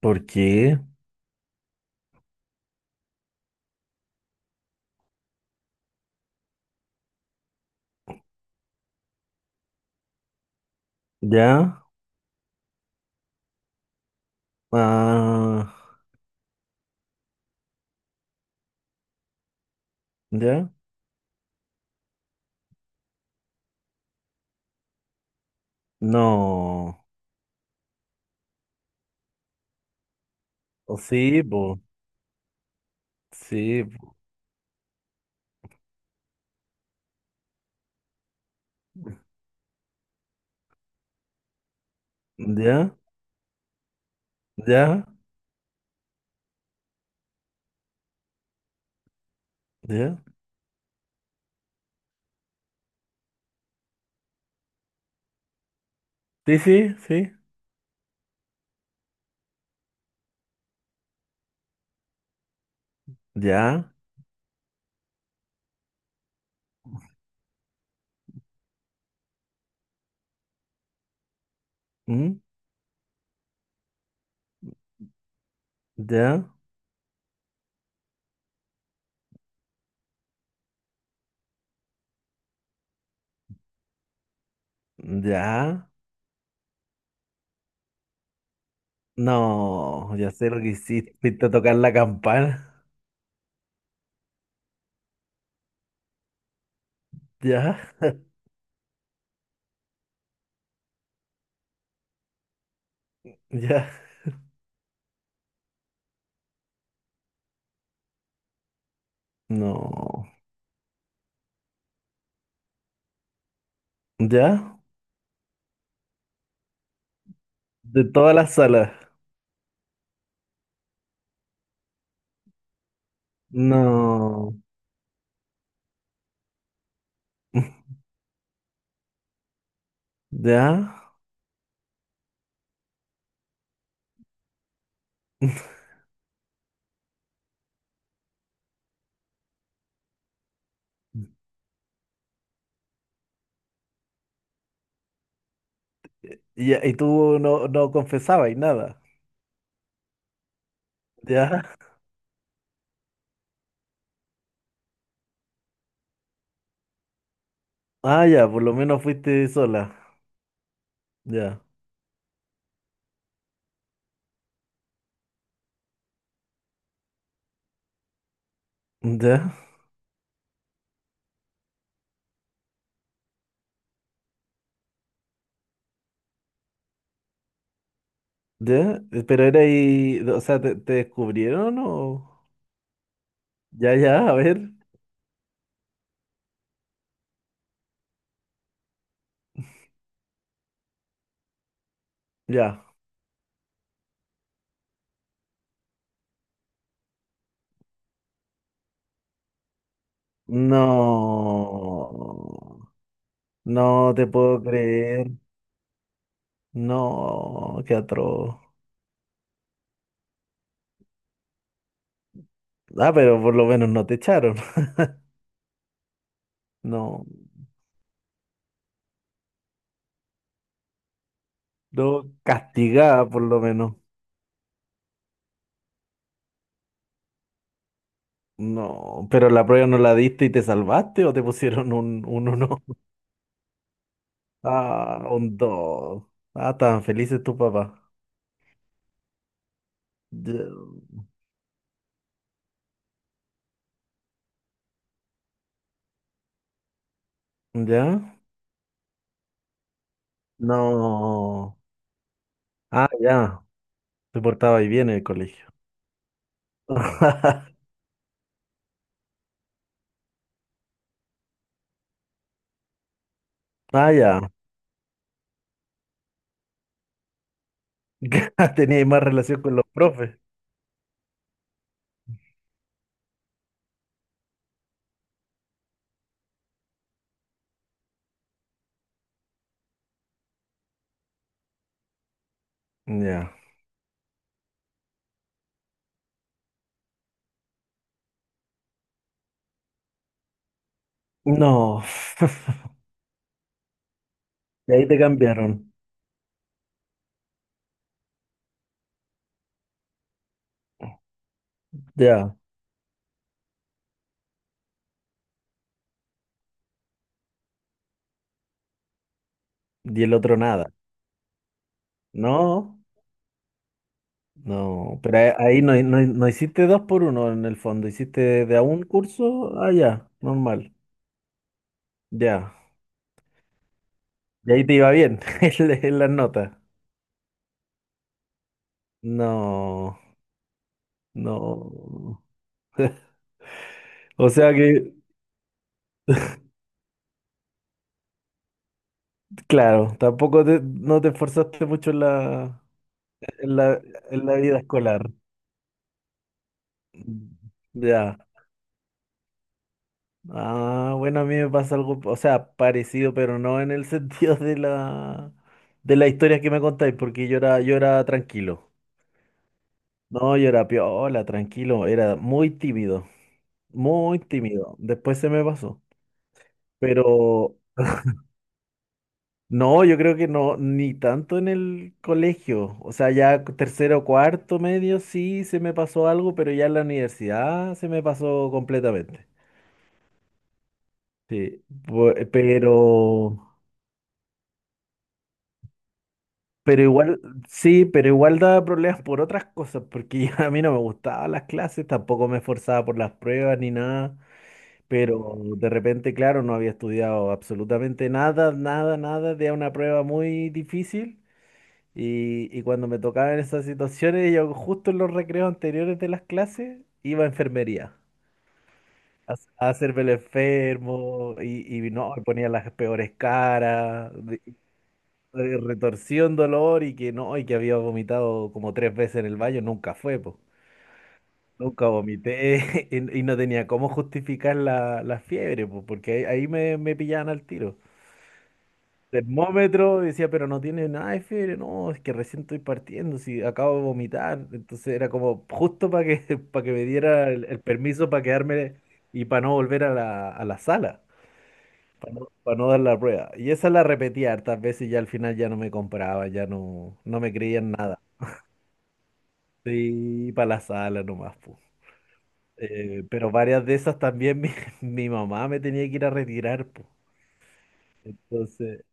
¿Por qué? ¿Ya? Ah, ¿ya? No. O sí, bo. Sí, bo. ¿Ya? ¿Ya? ¿Ya? Sí, sí, sí. ¿Ya? ¿Mm? ¿Ya? ¿Ya? No, ya sé lo que hiciste. Fuiste a tocar la campana. ¿Ya? ¿Ya? No. ¿Ya? De todas las salas. No. ¿Ya? ¿Y tú no confesabas y nada? ¿Ya? Ah, ya, por lo menos fuiste sola. Ya, ya, ya. Pero era ahí, o sea, ¿te descubrieron o...? Ya, ya, a ver, ya. No, no te puedo creer. No, qué atroz. Ah, pero por lo menos no te echaron. No, no castigada por lo menos. No, pero la prueba no la diste y te salvaste o te pusieron un uno. Ah, un dos. Ah, estaban felices tu papá. Ya. ¿Ya? No. Ah, ya. Se portaba ahí bien en el colegio. Ah, ya. Tenía más relación con los profes. Ya. No. Y ahí te cambiaron. Ya. Y el otro nada. No. No. Pero ahí no, no, no hiciste dos por uno en el fondo. Hiciste de a un curso. Ah, ya. Normal. Ya. Y ahí te iba bien en las notas. No. No. O sea que claro, tampoco no te esforzaste mucho en la, en la, en la vida escolar. Ya. Ah, bueno, a mí me pasa algo, o sea, parecido, pero no en el sentido de la historia que me contáis, porque yo era tranquilo. No, yo era piola, tranquilo, era muy tímido, muy tímido. Después se me pasó. Pero no, yo creo que no, ni tanto en el colegio. O sea, ya tercero, cuarto, medio, sí se me pasó algo, pero ya en la universidad se me pasó completamente. Sí, pero igual, sí, pero igual daba problemas por otras cosas, porque ya a mí no me gustaban las clases, tampoco me esforzaba por las pruebas ni nada, pero de repente, claro, no había estudiado absolutamente nada, nada, nada, de una prueba muy difícil. Y cuando me tocaban esas situaciones, yo justo en los recreos anteriores de las clases iba a enfermería a hacerme el enfermo y no, me ponía las peores caras, de retorsión, dolor y que no, y que había vomitado como tres veces en el baño, nunca fue, po. Nunca vomité y no tenía cómo justificar la fiebre, po, porque ahí me pillaban al tiro. Termómetro, y decía, pero no tiene nada de fiebre, no, es que recién estoy partiendo, si acabo de vomitar, entonces era como justo para que, para que, me diera el permiso para quedarme y para no volver a la sala, para no dar la prueba. Y esa la repetía hartas veces y ya al final ya no me compraba, ya no me creían nada. Sí, para la sala nomás, po. Pero varias de esas también mi mamá me tenía que ir a retirar, po. Entonces,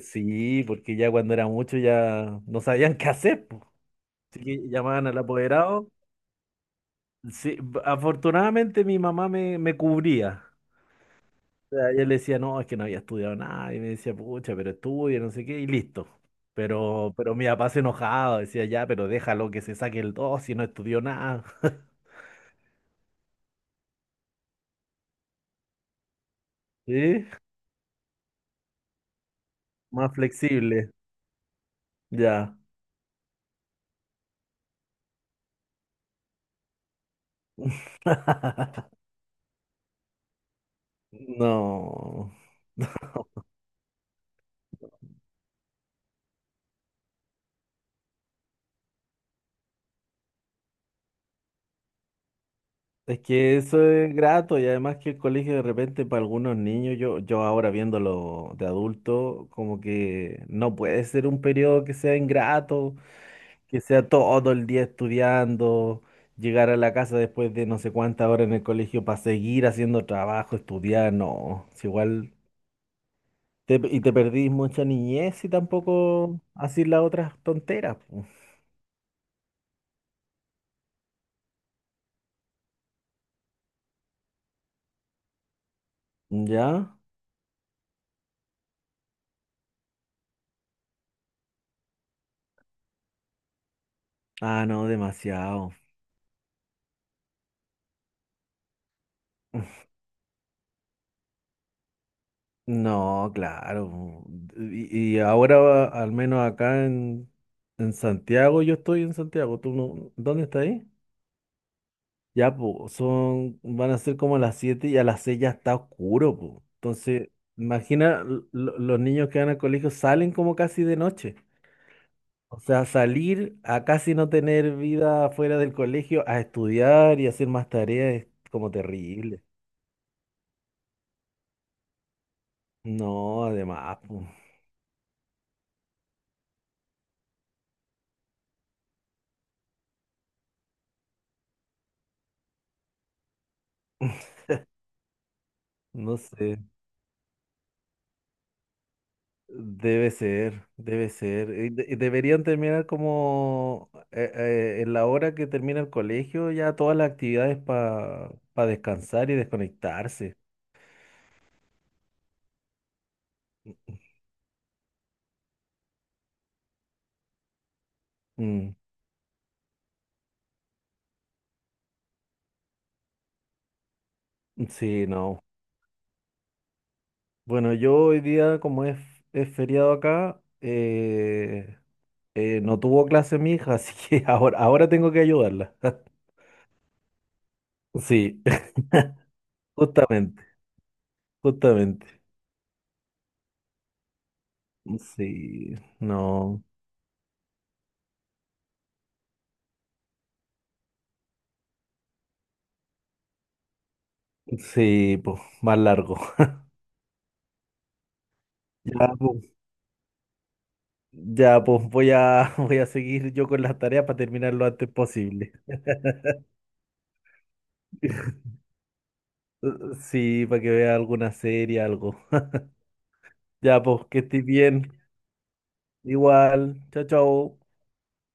sí, porque ya cuando era mucho ya no sabían qué hacer. Así que llamaban al apoderado. Sí, afortunadamente mi mamá me cubría. O sea, yo le decía, no, es que no había estudiado nada. Y me decía, pucha, pero estudia, no sé qué, y listo. Pero mi papá se enojaba, decía, ya, pero déjalo que se saque el dos si no estudió nada. ¿Sí? Más flexible, ya. No. Es que eso es grato y además que el colegio de repente para algunos niños, yo ahora viéndolo de adulto, como que no puede ser un periodo que sea ingrato, que sea todo el día estudiando, llegar a la casa después de no sé cuántas horas en el colegio para seguir haciendo trabajo, estudiar, no, es igual y te perdís mucha niñez y tampoco así las otras tonteras, po. ¿Ya? Ah, no, demasiado. No, claro. Y ahora, al menos acá en Santiago, yo estoy en Santiago. ¿Tú no? ¿Dónde estás ahí? Ya, pues, son, van a ser como las 7 y a las 6 ya está oscuro, pues. Entonces, imagina los niños que van al colegio salen como casi de noche. O sea, salir a casi no tener vida fuera del colegio, a estudiar y hacer más tareas es como terrible. No, además, pues, no sé. Debe ser, debe ser. Y y deberían terminar como en la hora que termina el colegio, ya todas las actividades para descansar y desconectarse. Mm, sí, no. Bueno, yo hoy día, como es feriado acá, no tuvo clase mi hija, así que ahora, tengo que ayudarla. Sí, justamente, justamente. Sí, no. Sí, pues, más largo. Ya, pues. Ya, pues voy a, voy a seguir yo con las tareas para terminar lo antes posible. Sí, para que vea alguna serie, algo. Ya, pues, que estés bien. Igual. Chao, chao.